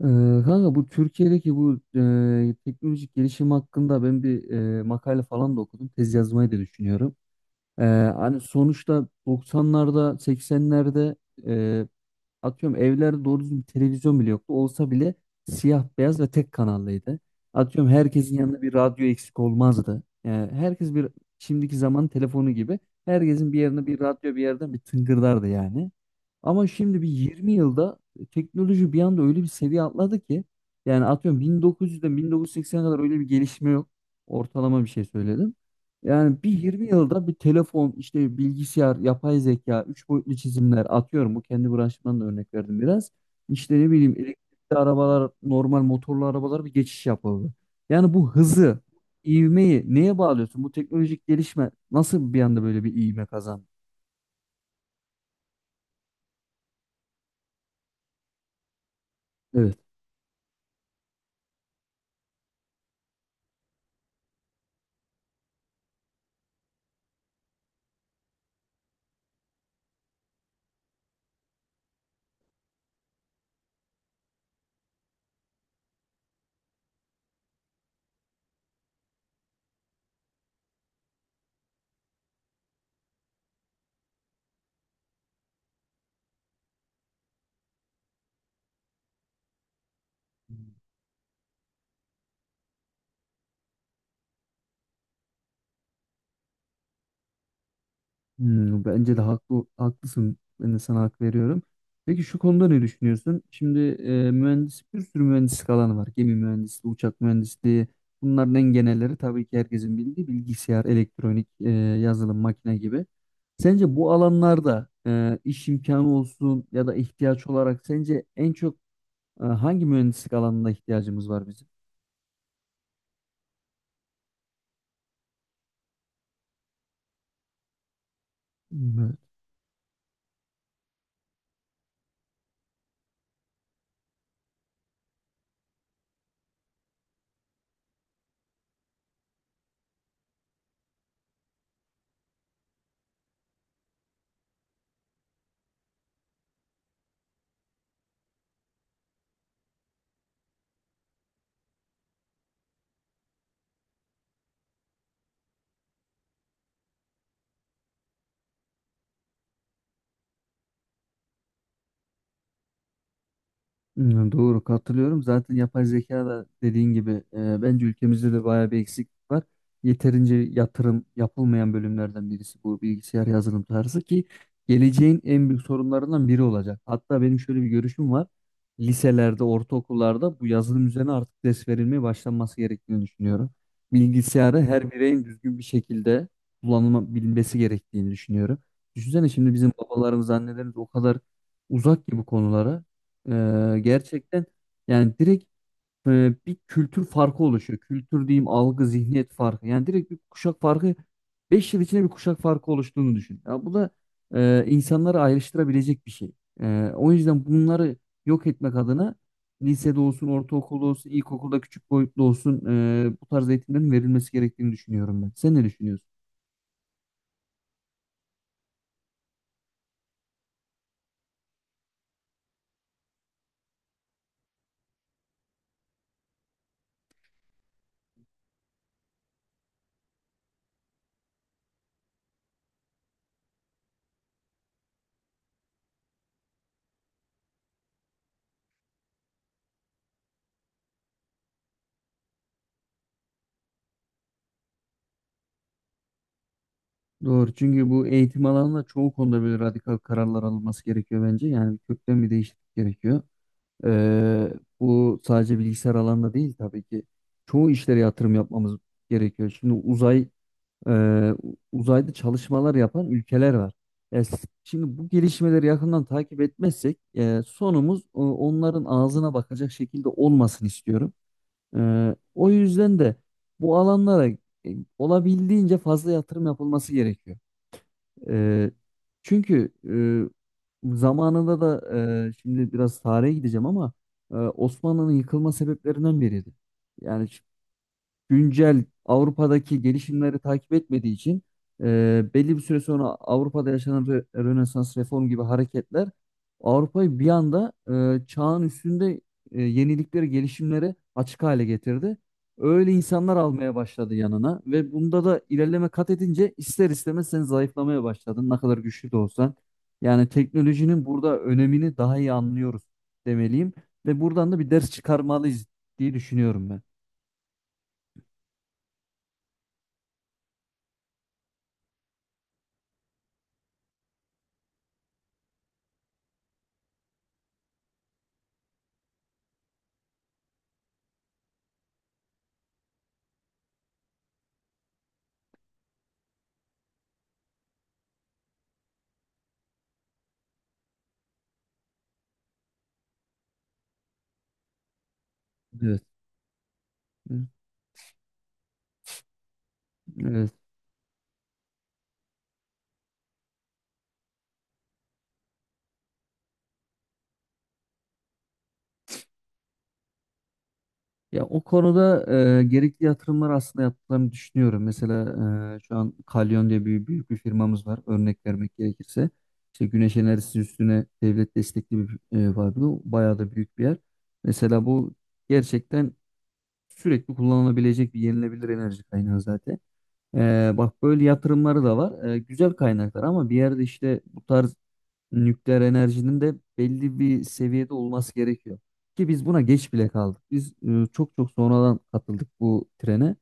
Ee, Kanka bu Türkiye'deki bu teknolojik gelişim hakkında ben bir makale falan da okudum. Tez yazmayı da düşünüyorum. Ee, Hani sonuçta 90'larda, 80'lerde atıyorum evlerde doğru düzgün bir televizyon bile yoktu. Olsa bile siyah beyaz ve tek kanallıydı. Atıyorum herkesin yanında bir radyo eksik olmazdı. Yani herkes bir şimdiki zaman telefonu gibi herkesin bir yerine bir radyo bir yerden bir tıngırdardı yani. Ama şimdi bir 20 yılda teknoloji bir anda öyle bir seviye atladı ki yani atıyorum 1900'den 1980'e kadar öyle bir gelişme yok. Ortalama bir şey söyledim. Yani bir 20 yılda bir telefon, işte bilgisayar, yapay zeka, üç boyutlu çizimler atıyorum. Bu kendi branşımdan da örnek verdim biraz. İşte ne bileyim elektrikli arabalar, normal motorlu arabalar bir geçiş yapıldı. Yani bu hızı, ivmeyi neye bağlıyorsun? Bu teknolojik gelişme nasıl bir anda böyle bir ivme kazandı? Evet. Hmm, bence de haklı, haklısın. Ben de sana hak veriyorum. Peki şu konuda ne düşünüyorsun? Şimdi mühendis bir sürü mühendislik alanı var. Gemi mühendisliği, uçak mühendisliği. Bunların en genelleri tabii ki herkesin bildiği bilgisayar, elektronik, yazılım, makine gibi. Sence bu alanlarda iş imkanı olsun ya da ihtiyaç olarak sence en çok hangi mühendislik alanına ihtiyacımız var bizim? Hmm. Hmm, doğru, katılıyorum. Zaten yapay zeka da dediğin gibi bence ülkemizde de bayağı bir eksiklik var. Yeterince yatırım yapılmayan bölümlerden birisi bu bilgisayar yazılım tarzı ki geleceğin en büyük sorunlarından biri olacak. Hatta benim şöyle bir görüşüm var. Liselerde, ortaokullarda bu yazılım üzerine artık ders verilmeye başlanması gerektiğini düşünüyorum. Bilgisayarı her bireyin düzgün bir şekilde kullanılabilmesi gerektiğini düşünüyorum. Düşünsene şimdi bizim babalarımız, annelerimiz o kadar uzak ki bu konulara. Gerçekten yani direkt bir kültür farkı oluşuyor. Kültür diyeyim algı, zihniyet farkı. Yani direkt bir kuşak farkı. 5 yıl içinde bir kuşak farkı oluştuğunu düşün. Ya bu da insanları ayrıştırabilecek bir şey. O yüzden bunları yok etmek adına lisede olsun, ortaokulda olsun, ilkokulda küçük boyutlu olsun bu tarz eğitimlerin verilmesi gerektiğini düşünüyorum ben. Sen ne düşünüyorsun? Doğru. Çünkü bu eğitim alanında çoğu konuda böyle radikal kararlar alınması gerekiyor bence. Yani kökten bir değişiklik gerekiyor. Ee, Bu sadece bilgisayar alanında değil tabii ki. Çoğu işlere yatırım yapmamız gerekiyor. Şimdi e, uzayda çalışmalar yapan ülkeler var. E, s- Şimdi bu gelişmeleri yakından takip etmezsek sonumuz onların ağzına bakacak şekilde olmasın istiyorum. O yüzden de bu alanlara olabildiğince fazla yatırım yapılması gerekiyor. Ee, Çünkü zamanında da şimdi biraz tarihe gideceğim ama Osmanlı'nın yıkılma sebeplerinden biriydi. Yani güncel Avrupa'daki gelişimleri takip etmediği için belli bir süre sonra Avrupa'da yaşanan Rönesans reform gibi hareketler Avrupa'yı bir anda çağın üstünde yeniliklere, gelişimlere açık hale getirdi. Öyle insanlar almaya başladı yanına ve bunda da ilerleme kat edince ister istemez sen zayıflamaya başladın ne kadar güçlü de olsan. Yani teknolojinin burada önemini daha iyi anlıyoruz demeliyim ve buradan da bir ders çıkarmalıyız diye düşünüyorum ben. Evet. Evet. Ya o konuda gerekli yatırımlar aslında yaptıklarını düşünüyorum. Mesela şu an Kalyon diye bir büyük bir firmamız var. Örnek vermek gerekirse. İşte güneş enerjisi üstüne devlet destekli bir fabrika. Bayağı da büyük bir yer. Mesela bu gerçekten sürekli kullanılabilecek bir yenilebilir enerji kaynağı zaten. Bak böyle yatırımları da var. Güzel kaynaklar ama bir yerde işte bu tarz nükleer enerjinin de belli bir seviyede olması gerekiyor. Ki biz buna geç bile kaldık. Biz çok çok sonradan katıldık bu trene.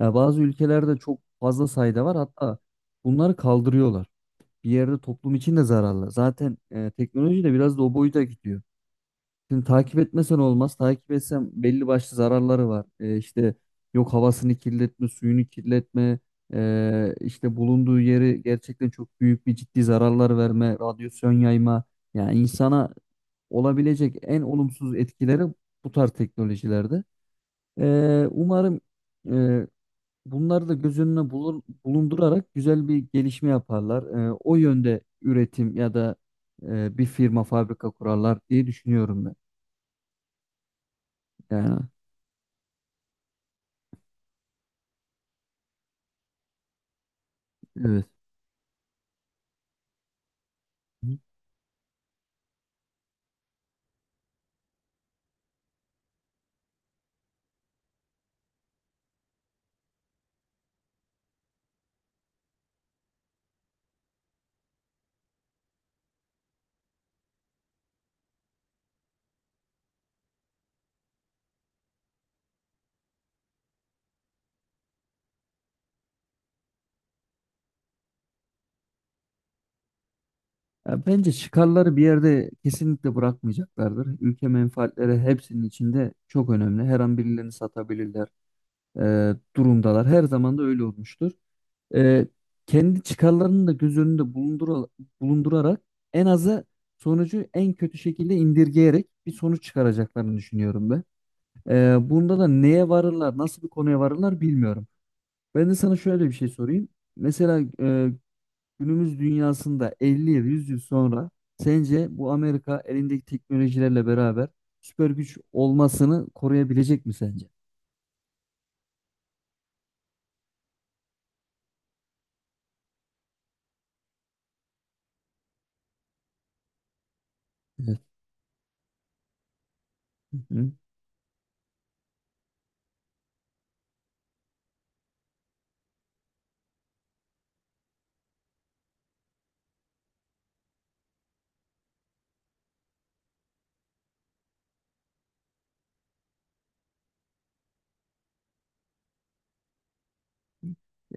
Bazı ülkelerde çok fazla sayıda var. Hatta bunları kaldırıyorlar. Bir yerde toplum için de zararlı. Zaten teknoloji de biraz da o boyuta gidiyor. Şimdi takip etmesen olmaz. Takip etsem belli başlı zararları var. İşte yok havasını kirletme, suyunu kirletme, işte bulunduğu yeri gerçekten çok büyük bir ciddi zararlar verme, radyasyon yayma. Yani insana olabilecek en olumsuz etkileri bu tarz teknolojilerde. Umarım ee, bunları da göz önüne bulundurarak güzel bir gelişme yaparlar. O yönde üretim ya da bir firma, fabrika kurarlar diye düşünüyorum ben. Yani. Evet. Ya bence çıkarları bir yerde kesinlikle bırakmayacaklardır. Ülke menfaatleri hepsinin içinde çok önemli. Her an birilerini satabilirler durumdalar. Her zaman da öyle olmuştur. E, Kendi çıkarlarını da göz önünde bulundurarak en azı sonucu en kötü şekilde indirgeyerek bir sonuç çıkaracaklarını düşünüyorum ben. Bunda da neye varırlar, nasıl bir konuya varırlar bilmiyorum. Ben de sana şöyle bir şey sorayım. Mesela günümüz dünyasında 50 yıl, 100 yıl sonra sence bu Amerika elindeki teknolojilerle beraber süper güç olmasını koruyabilecek mi sence? Evet. Hı hı.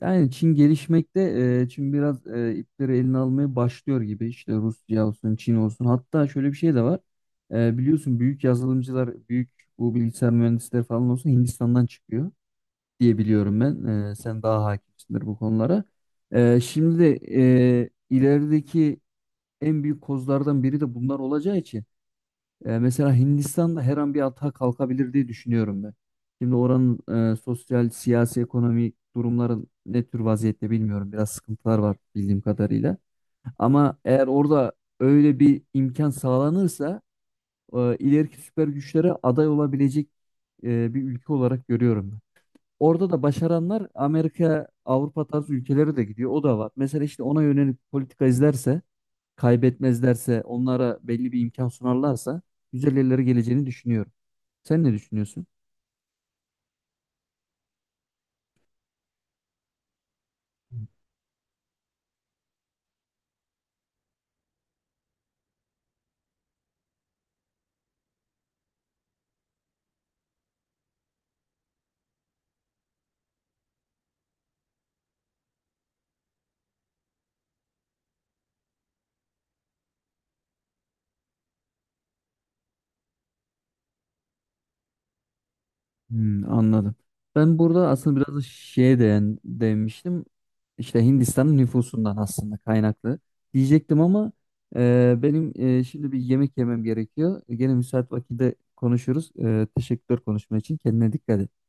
Yani Çin gelişmekte, Çin biraz ipleri eline almaya başlıyor gibi. İşte Rusya olsun, Çin olsun. Hatta şöyle bir şey de var. Biliyorsun büyük yazılımcılar, büyük bu bilgisayar mühendisleri falan olsun Hindistan'dan çıkıyor diye biliyorum ben. Sen daha hakimsindir bu konulara. Şimdi de ilerideki en büyük kozlardan biri de bunlar olacağı için mesela Hindistan'da her an bir atağa kalkabilir diye düşünüyorum ben. Şimdi oranın sosyal, siyasi, ekonomik durumların ne tür vaziyette bilmiyorum. Biraz sıkıntılar var bildiğim kadarıyla. Ama eğer orada öyle bir imkan sağlanırsa ileriki süper güçlere aday olabilecek bir ülke olarak görüyorum ben. Orada da başaranlar Amerika, Avrupa tarzı ülkelere de gidiyor. O da var. Mesela işte ona yönelik politika izlerse kaybetmezlerse, onlara belli bir imkan sunarlarsa güzel yerlere geleceğini düşünüyorum. Sen ne düşünüyorsun? Hmm, anladım. Ben burada aslında biraz da şeye değinmiştim. İşte Hindistan'ın nüfusundan aslında kaynaklı diyecektim ama benim şimdi bir yemek yemem gerekiyor. Gene müsait vakitte konuşuruz. Teşekkürler konuşma için. Kendine dikkat et.